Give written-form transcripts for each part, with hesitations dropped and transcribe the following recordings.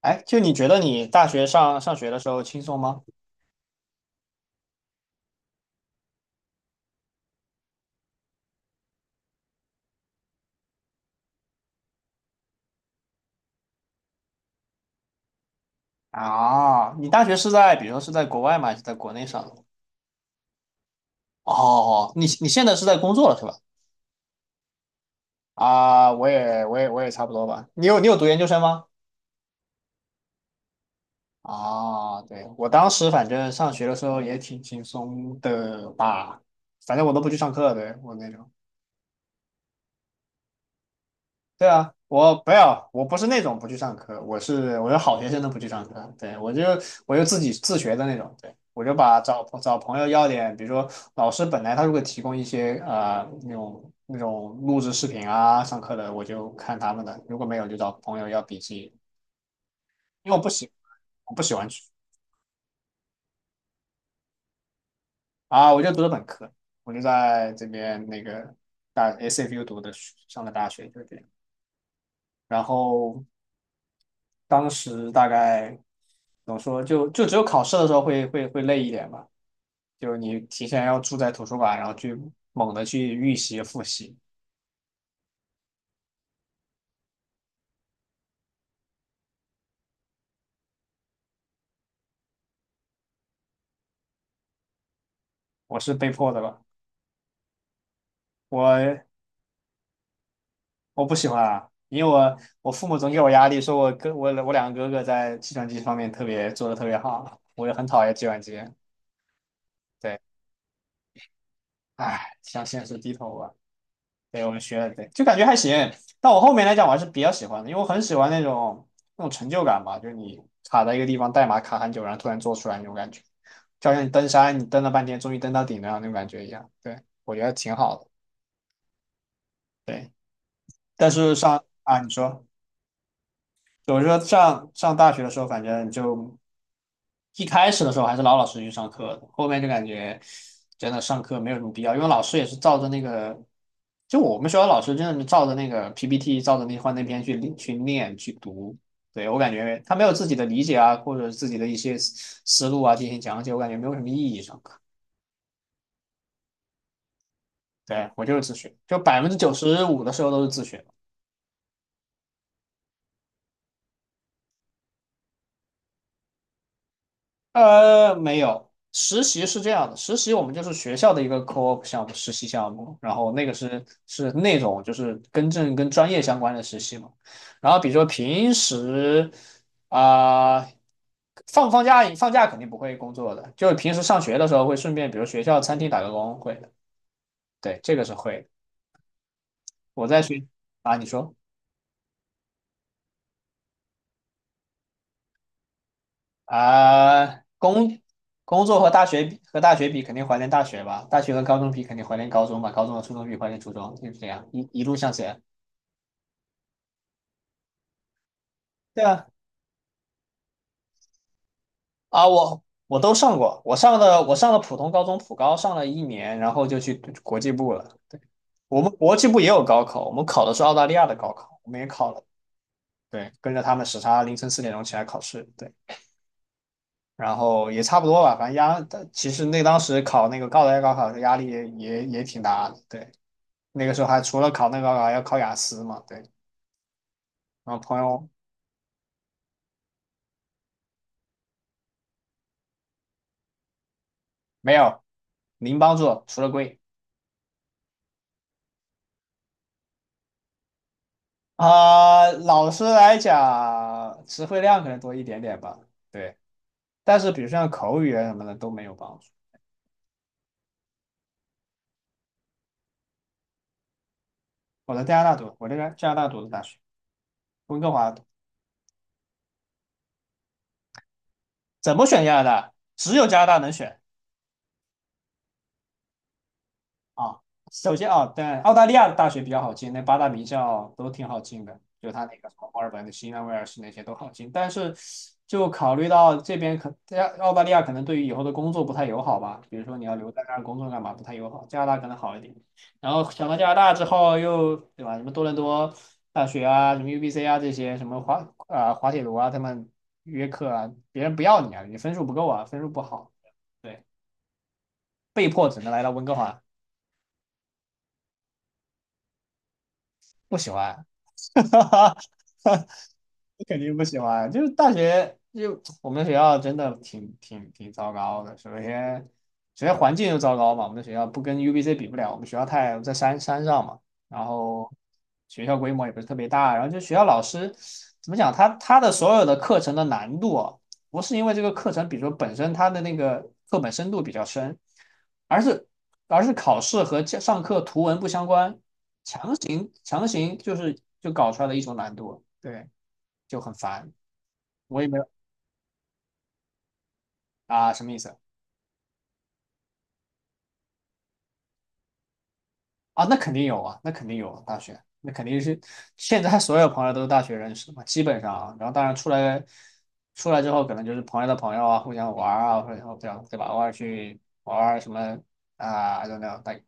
哎，就你觉得你大学上学的时候轻松吗？啊，你大学是在，比如说是在国外吗？还是在国内上的。哦，你现在是在工作了是吧？啊，我也差不多吧。你有读研究生吗？啊，对，我当时反正上学的时候也挺轻松的吧，反正我都不去上课，对，我那种。对啊，我不要，我不是那种不去上课，我是好学生都不去上课，对，我就自己自学的那种，对，我就把找朋友要点，比如说老师本来他如果提供一些那种录制视频啊上课的，我就看他们的，如果没有就找朋友要笔记，因为我不喜欢去。啊，我就读了本科，我就在这边那个SFU 读的上的大学，就这样，然后。当时大概怎么说，就只有考试的时候会累一点吧，就是你提前要住在图书馆，然后去猛的去预习复习，我是被迫的吧，我我不喜欢啊，因为我父母总给我压力，说我两个哥哥在计算机方面特别做的特别好，我也很讨厌计算机，对，唉，向现实低头吧。对，我们学了，对，就感觉还行。但我后面来讲，我还是比较喜欢的，因为我很喜欢那种成就感吧，就是你卡在一个地方，代码卡很久，然后突然做出来那种感觉，就好像你登山，你登了半天，终于登到顶了那种感觉一样。对，我觉得挺好的。对，但是啊，你说。我是说上大学的时候，反正就一开始的时候还是老老实实去上课的，后面就感觉真的上课没有什么必要，因为老师也是照着那个，就我们学校老师真的是照着那个 PPT，照着那幻灯片去念去读。对，我感觉他没有自己的理解啊，或者自己的一些思路啊进行讲解，我感觉没有什么意义。上课，对，我就是自学，就95%的时候都是自学。没有，实习是这样的，实习我们就是学校的一个 co-op 项目，实习项目，然后那个是那种就是跟专业相关的实习嘛，然后比如说平时啊、放不放假，放假肯定不会工作的，就是平时上学的时候会顺便，比如学校餐厅打个工会的，对，这个是会的。我在学啊，你说。啊、工作和大学比，肯定怀念大学吧；大学和高中比，肯定怀念高中吧；高中和初中比，怀念初中，就是这样，一路向前。对啊，啊，我都上过，我上了普通高中，普高上了一年，然后就去国际部了。对，我们国际部也有高考，我们考的是澳大利亚的高考，我们也考了。对，跟着他们时差，凌晨4点钟起来考试。对，然后也差不多吧，反正压，其实那当时考那个澳大利亚高考的压力也挺大的。对。那个时候还除了考那个还要考雅思嘛，对。然后朋友没有零帮助，除了贵。啊、老师来讲，词汇量可能多一点点吧，对。但是比如像口语啊什么的都没有帮助。我在加拿大读，我这个加拿大读的大学，温哥华读，怎么选加拿大？只有加拿大能选。啊，首先啊，但澳大利亚的大学比较好进，那八大名校都挺好进的，就他那个什么墨尔本的、新南威尔士那些都好进。但是，就考虑到这边可澳大利亚可能对于以后的工作不太友好吧，比如说你要留在那儿工作干嘛，不太友好。加拿大可能好一点。然后想到加拿大之后又，对吧？什么多伦多大学啊，什么 UBC 啊这些，什么滑铁卢啊，他们约课啊，别人不要你啊，你分数不够啊，分数不好，对，被迫只能来到温哥华。不喜欢，哈哈，肯定不喜欢。就是大学，就我们学校真的挺糟糕的。首先，环境就糟糕嘛，我们的学校不跟 UBC 比不了，我们学校太在山上嘛，然后学校规模也不是特别大，然后就学校老师怎么讲，他的所有的课程的难度啊，不是因为这个课程，比如说本身它的那个课本深度比较深，而是而是考试和教上课图文不相关。强行就搞出来的一种难度，对，就很烦。我也没有。啊，什么意思啊？那肯定有啊，那肯定有啊大学，那肯定是现在所有朋友都是大学认识的嘛，基本上啊。然后当然出来之后，可能就是朋友的朋友啊，互相玩儿啊，或者然后这样对吧？偶尔去玩儿什么啊，I don't know，like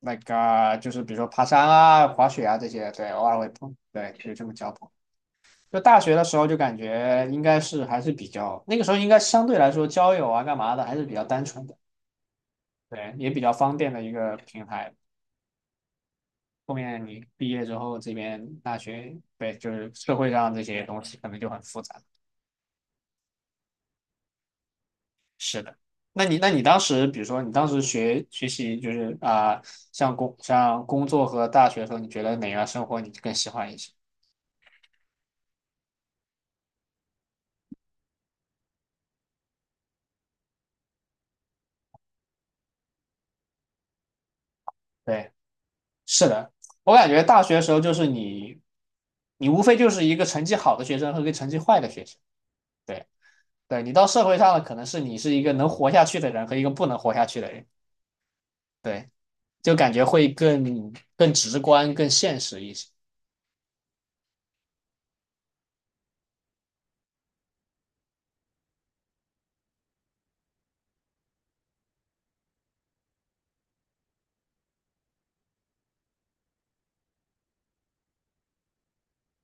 啊就是比如说爬山啊、滑雪啊这些，对，偶尔会碰，对，就是这么交朋友。就大学的时候就感觉应该是还是比较那个时候应该相对来说交友啊干嘛的还是比较单纯的，对，也比较方便的一个平台。后面你毕业之后，这边大学，对，就是社会上这些东西可能就很复杂。是的，那你当时，比如说你当时学习，就是啊、像工作和大学的时候，你觉得哪样生活你更喜欢一些？对，是的，我感觉大学的时候就是你无非就是一个成绩好的学生和一个成绩坏的学生。对对，你到社会上了，可能是你是一个能活下去的人和一个不能活下去的人，对，就感觉会更直观、更现实一些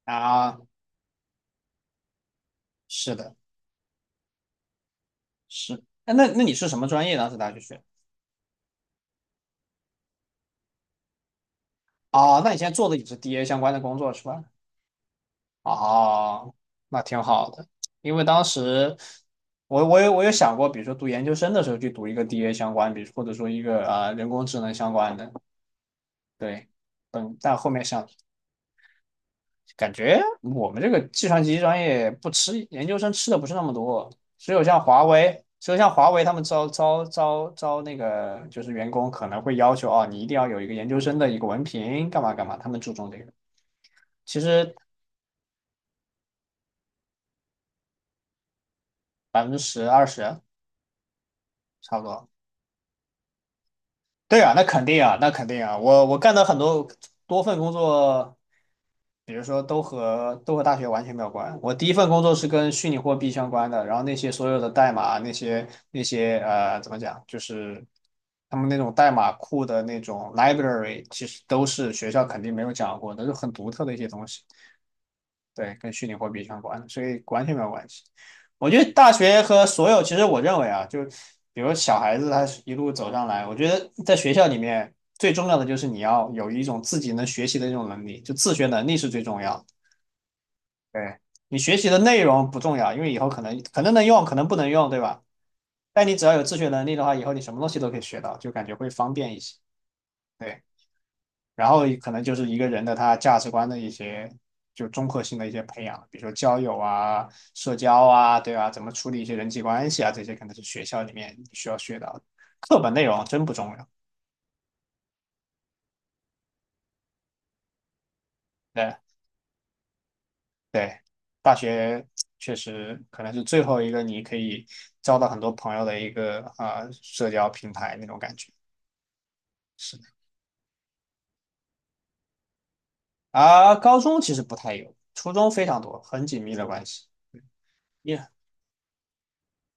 啊。是的，是。哎，那你是什么专业当时大学学？哦，那你现在做的也是 DA 相关的工作是吧？哦，那挺好的，因为当时我有想过，比如说读研究生的时候去读一个 DA 相关，比如或者说一个啊、人工智能相关的，对，嗯，但后面想。感觉我们这个计算机专业不吃研究生吃的不是那么多，只有像华为，只有像华为他们招那个就是员工可能会要求哦，你一定要有一个研究生的一个文凭，干嘛干嘛，他们注重这个。其实10-20%差不多。对啊，那肯定啊，那肯定啊，我干的很多份工作，比如说都和大学完全没有关。我第一份工作是跟虚拟货币相关的，然后那些所有的代码，那些，怎么讲，就是他们那种代码库的那种 library，其实都是学校肯定没有讲过的，就很独特的一些东西。对，跟虚拟货币相关，所以完全没有关系。我觉得大学和所有，其实我认为啊，就比如小孩子他一路走上来，我觉得在学校里面最重要的就是你要有一种自己能学习的这种能力，就自学能力是最重要的。对，你学习的内容不重要，因为以后可能能用，可能不能用，对吧？但你只要有自学能力的话，以后你什么东西都可以学到，就感觉会方便一些。对，然后可能就是一个人的他价值观的一些就综合性的一些培养，比如说交友啊、社交啊，对吧？怎么处理一些人际关系啊，这些可能是学校里面你需要学到的。课本内容真不重要。对对，大学确实可能是最后一个你可以交到很多朋友的一个啊、社交平台那种感觉。是的。啊，高中其实不太有，初中非常多，很紧密的关系。也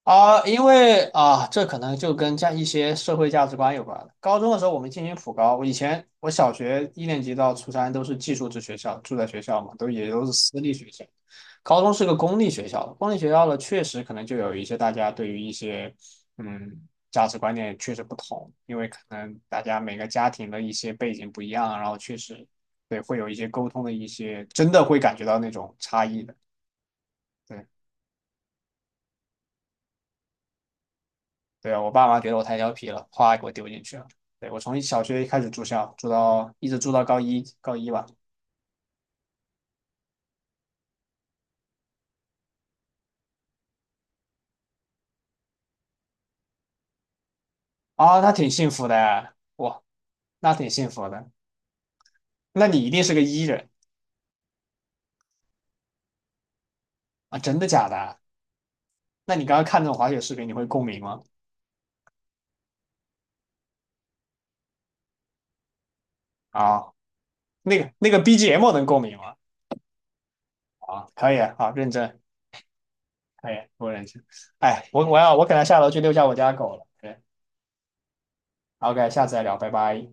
因为啊，这可能就跟一些社会价值观有关了。高中的时候我们进行普高，我以前我小学一年级到初三都是寄宿制学校，住在学校嘛，都是私立学校。高中是个公立学校，公立学校呢，确实可能就有一些大家对于一些嗯价值观念确实不同，因为可能大家每个家庭的一些背景不一样，然后确实对会有一些沟通的一些，真的会感觉到那种差异的。对。对啊，我爸妈觉得我太调皮了，哗给我丢进去了。对，我从小学开始住校，一直住到高一，高一吧。啊，那挺幸福的，哇，那挺幸福的。那你一定是个 E 人。啊？真的假的？那你刚刚看那种滑雪视频，你会共鸣吗？啊，那个 BGM 能共鸣吗？啊，可以，好，认真，可以，我认真。哎，我可能下楼去遛一下我家狗了。对，OK，下次再聊，拜拜。